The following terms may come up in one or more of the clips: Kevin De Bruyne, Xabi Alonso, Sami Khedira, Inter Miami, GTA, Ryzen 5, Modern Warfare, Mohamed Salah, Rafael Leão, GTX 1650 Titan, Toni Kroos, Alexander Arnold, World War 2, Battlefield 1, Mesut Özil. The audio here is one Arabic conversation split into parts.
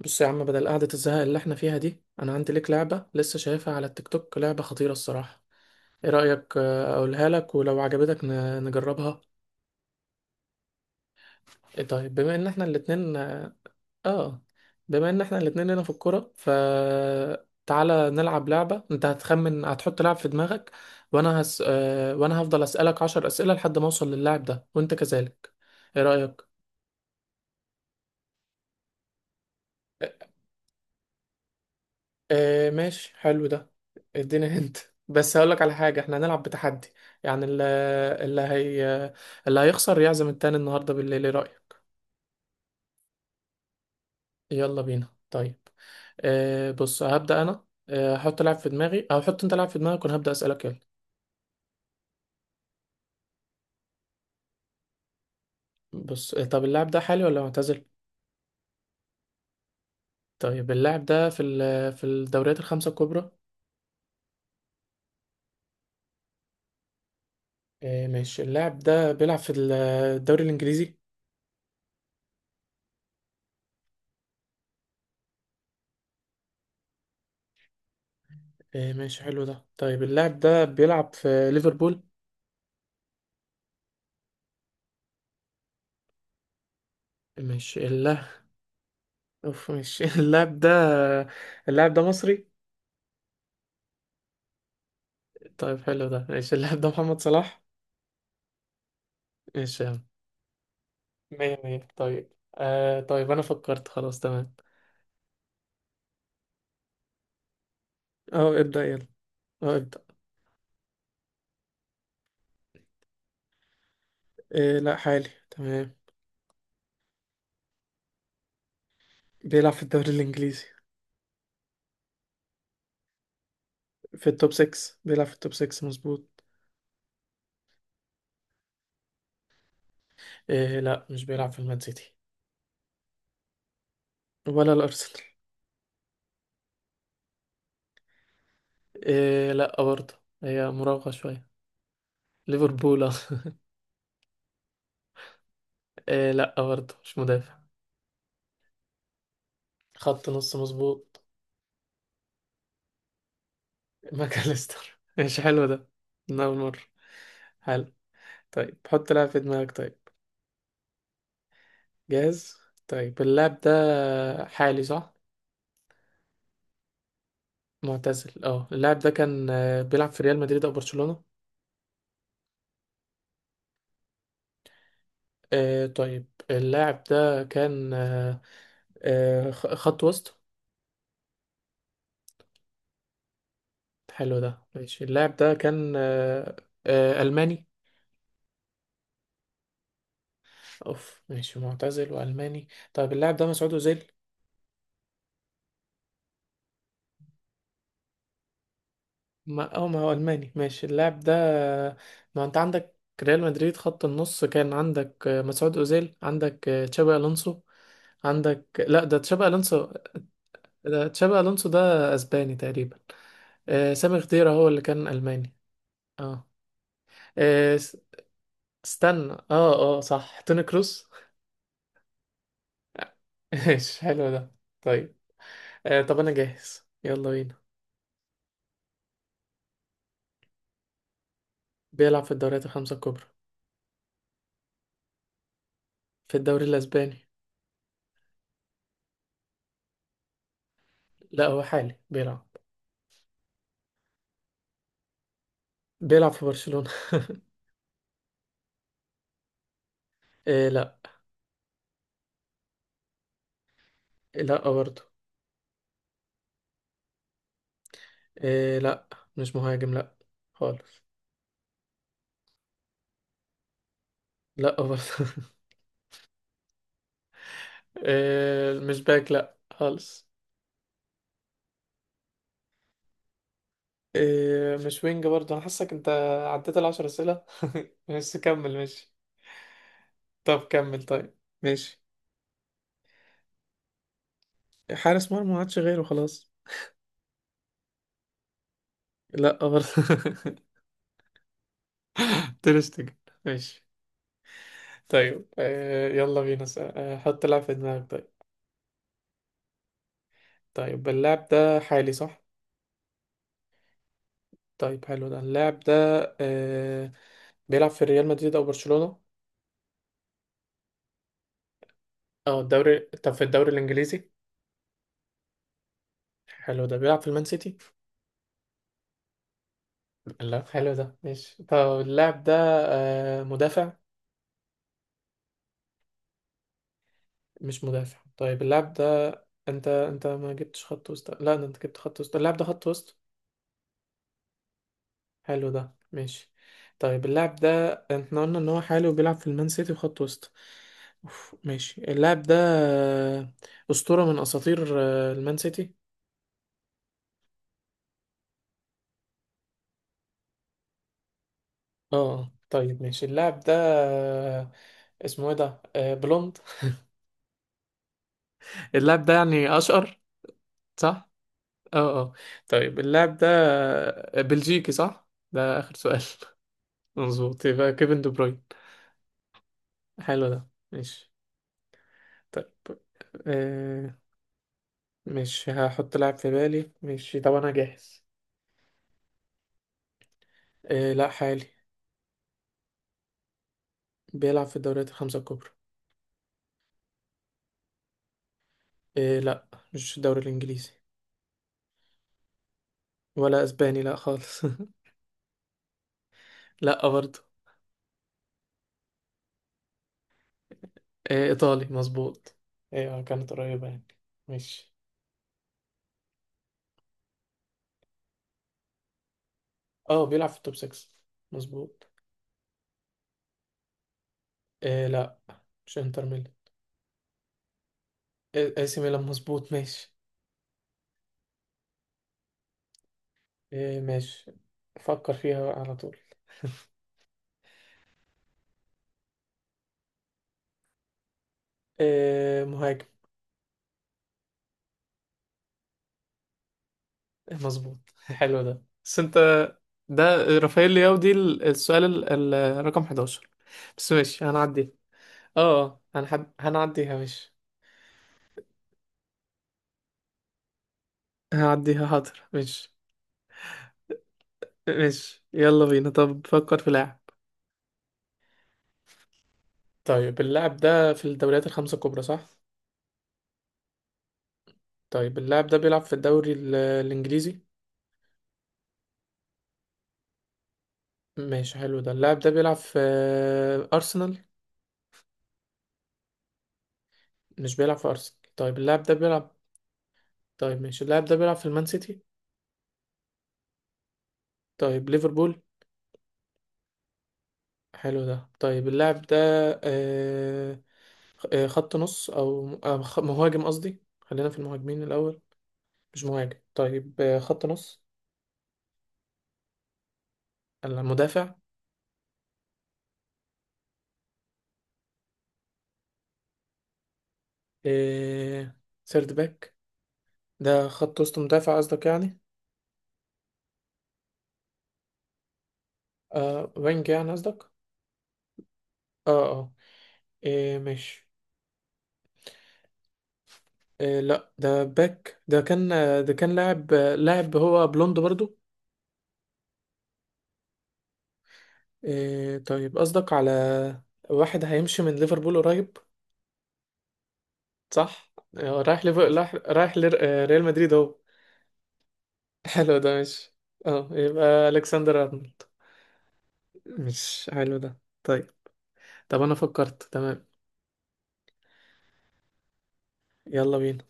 بص يا عم، بدل قعدة الزهق اللي احنا فيها دي، انا عندي ليك لعبة لسه شايفها على التيك توك. لعبة خطيرة الصراحة. ايه رأيك؟ اقولها لك ولو عجبتك نجربها. ايه طيب، بما ان احنا الاتنين آه، بما ان احنا الاتنين لنا في الكورة، ف تعالى نلعب لعبة. انت هتخمن، هتحط لاعب في دماغك وانا هس... آه، وانا هفضل اسألك عشر اسئلة لحد ما اوصل للاعب ده، وانت كذلك. ايه رأيك؟ آه ماشي، حلو ده. اديني هنت. بس هقولك على حاجة، احنا هنلعب بتحدي، يعني اللي هي اللي هيخسر يعزم التاني النهاردة بالليل. ايه رأيك؟ يلا بينا طيب. آه بص، هبدأ انا. هحط لاعب في دماغي او حط انت لاعب في دماغك، وانا هبدأ أسألك. يلا. بص، طب اللاعب ده حالي ولا معتزل؟ طيب اللاعب ده في في الدوريات الخمسة الكبرى؟ آه ماشي، اللاعب ده بيلعب في الدوري الإنجليزي. آه ماشي، حلو ده. طيب اللاعب ده بيلعب في ليفربول؟ ماشي. اوف، مش اللاعب ده. اللاعب ده مصري؟ طيب حلو ده ماشي. اللاعب ده محمد صلاح. ماشي يا عم. مية مية. طيب، آه طيب انا فكرت خلاص، تمام. اه ابدأ يلا. اه ابدأ. آه لا، حالي، تمام. بيلعب في الدوري الانجليزي. في التوب 6. بيلعب في التوب 6، مظبوط. آه لا، مش بيلعب في المان سيتي. ولا الارسنال. آه لا برضه. هي مراوغة شوية. ليفربول، آه. لا برضه، مش مدافع. خط نص، مظبوط. ماكاليستر. ماشي حلو ده. من أول مرة. حلو. طيب حط لعب في دماغك طيب. جاهز. طيب اللاعب ده حالي صح؟ معتزل. اه اللاعب ده كان بيلعب في ريال مدريد او برشلونة؟ آه طيب، اللاعب ده كان خط وسط. حلو ده ماشي. اللاعب ده كان آه ألماني. اوف ماشي، معتزل وألماني. طيب اللاعب ده مسعود أوزيل. ما اه، ما هو الماني. ماشي اللاعب ده، ما انت عندك ريال مدريد، خط النص، كان عندك مسعود اوزيل، عندك تشابي الونسو، عندك. لا، ده تشابي الونسو، ده تشابي الونسو، ده اسباني تقريبا. سامي خضيرة هو اللي كان الماني. اه. آه، س- استنى. اه اه، صح، توني كروس. ماشي حلو ده. طيب، طب انا جاهز، يلا بينا. بيلعب في الدوريات الخمسة الكبرى. في الدوري الاسباني. لا هو حالي، بيلعب. بيلعب في برشلونة. لا. لا برضه. إيه لا، مش مهاجم لا خالص. لا برضه. إيه مش باك، لا خالص. إيه مش وينج برضه. انا حاسك انت عديت العشر اسئله، بس كمل ماشي. طب كمل طيب. ماشي. حارس مرمى، ما عادش غيره خلاص. لا برضه. ترستج. ماشي. طيب إيه، يلا بينا. حط لاعب في دماغك طيب. طيب اللاعب ده حالي صح؟ طيب حلو ده، اللاعب ده إيه، بيلعب في ريال مدريد او برشلونة؟ اه الدوري، طب في الدوري الانجليزي. حلو ده. بيلعب في المان سيتي؟ لا حلو ده ماشي. طب اللاعب ده مدافع؟ مش مدافع. طيب اللاعب ده، انت ما جبتش خط وسط. لا ده انت جبت خط وسط. اللاعب ده خط وسط. حلو ده ماشي. طيب اللاعب ده، احنا قلنا ان هو حالي وبيلعب في المان سيتي وخط وسط. أوف. ماشي. اللاعب ده آه، أسطورة من أساطير المان سيتي. اه طيب ماشي. اللاعب ده آه، اسمه ايه ده، بلوند، اللاعب ده يعني اشقر؟ صح. اه اه. طيب اللاعب ده بلجيكي صح؟ ده اخر سؤال. مظبوط. يبقى كيفن دي بروين. حلو ده ماشي. طيب آه، مش هحط لاعب في بالي، ماشي. طب انا جاهز. آه لا، حالي. بيلعب في الدوريات الخمسة الكبرى. آه لا، مش الدوري الانجليزي. ولا اسباني، لا خالص. لا برضه. آه ايطالي، مظبوط. ايوه كانت قريبة يعني. ماشي. اه بيلعب في التوب 6، مظبوط. آه لا، مش انتر ميلان. اي سي ميلان، مظبوط. ماشي. إيه ماشي. فكر فيها على طول. إيه مهاجم. مظبوط. حلو ده، بس انت، ده رافائيل لياو. دي السؤال رقم 11، بس ماشي هنعديها. اه اه، هنعديها مش. هنعديها، حاضر، مش. مش، يلا بينا. طب فكر في لاعب. طيب اللاعب ده في الدوريات الخمسة الكبرى صح؟ طيب اللاعب ده بيلعب في الدوري الإنجليزي. ماشي حلو ده. اللاعب ده بيلعب في أرسنال؟ مش بيلعب في أرسنال. طيب اللاعب ده بيلعب. طيب ماشي، اللاعب ده بيلعب في المان سيتي؟ طيب ليفربول؟ حلو ده. طيب اللاعب ده آه، خط نص أو مهاجم، قصدي خلينا في المهاجمين الأول. مش مهاجم. طيب خط نص. المدافع. آه، سيرد باك. ده خط وسط مدافع قصدك يعني. وينج يعني قصدك. اه اه. ماشي. لا، ده باك. ده كان ده كان لاعب، لاعب هو بلوند برضو. إيه طيب قصدك على واحد هيمشي من ليفربول قريب. صح. رايح ليفر، رايح ريال مدريد اهو. حلو ده، مش. اه يبقى الكسندر ارنولد. مش، حلو ده طيب. طب انا فكرت تمام. يلا بينا.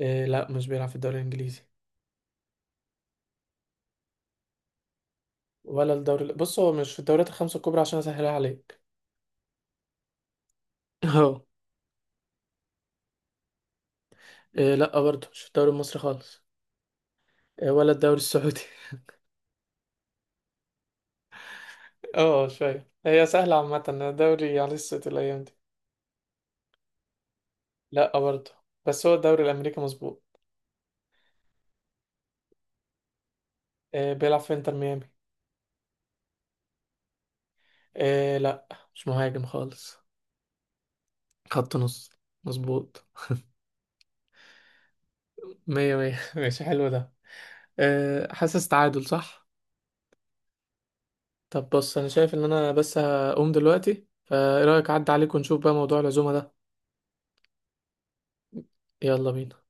إيه لا، مش بيلعب في الدوري الانجليزي. ولا الدوري بص، هو مش في الدوريات الخمسة الكبرى عشان اسهلها عليك. اهو. إيه لا برضه، مش في الدوري المصري خالص. إيه ولا الدوري السعودي. اه شوية، هي سهلة عامة الدوري على الست الأيام دي. لا برضه. بس هو الدوري الامريكي، مظبوط. آه بيلعب في انتر ميامي. آه لا، مش مهاجم خالص. خط نص. مظبوط. مية مية. ماشي حلو ده. آه حاسس تعادل صح؟ طب بص، انا شايف ان انا بس هقوم دلوقتي، فايه رايك اعدي عليك ونشوف بقى موضوع العزومه ده؟ يلا بينا.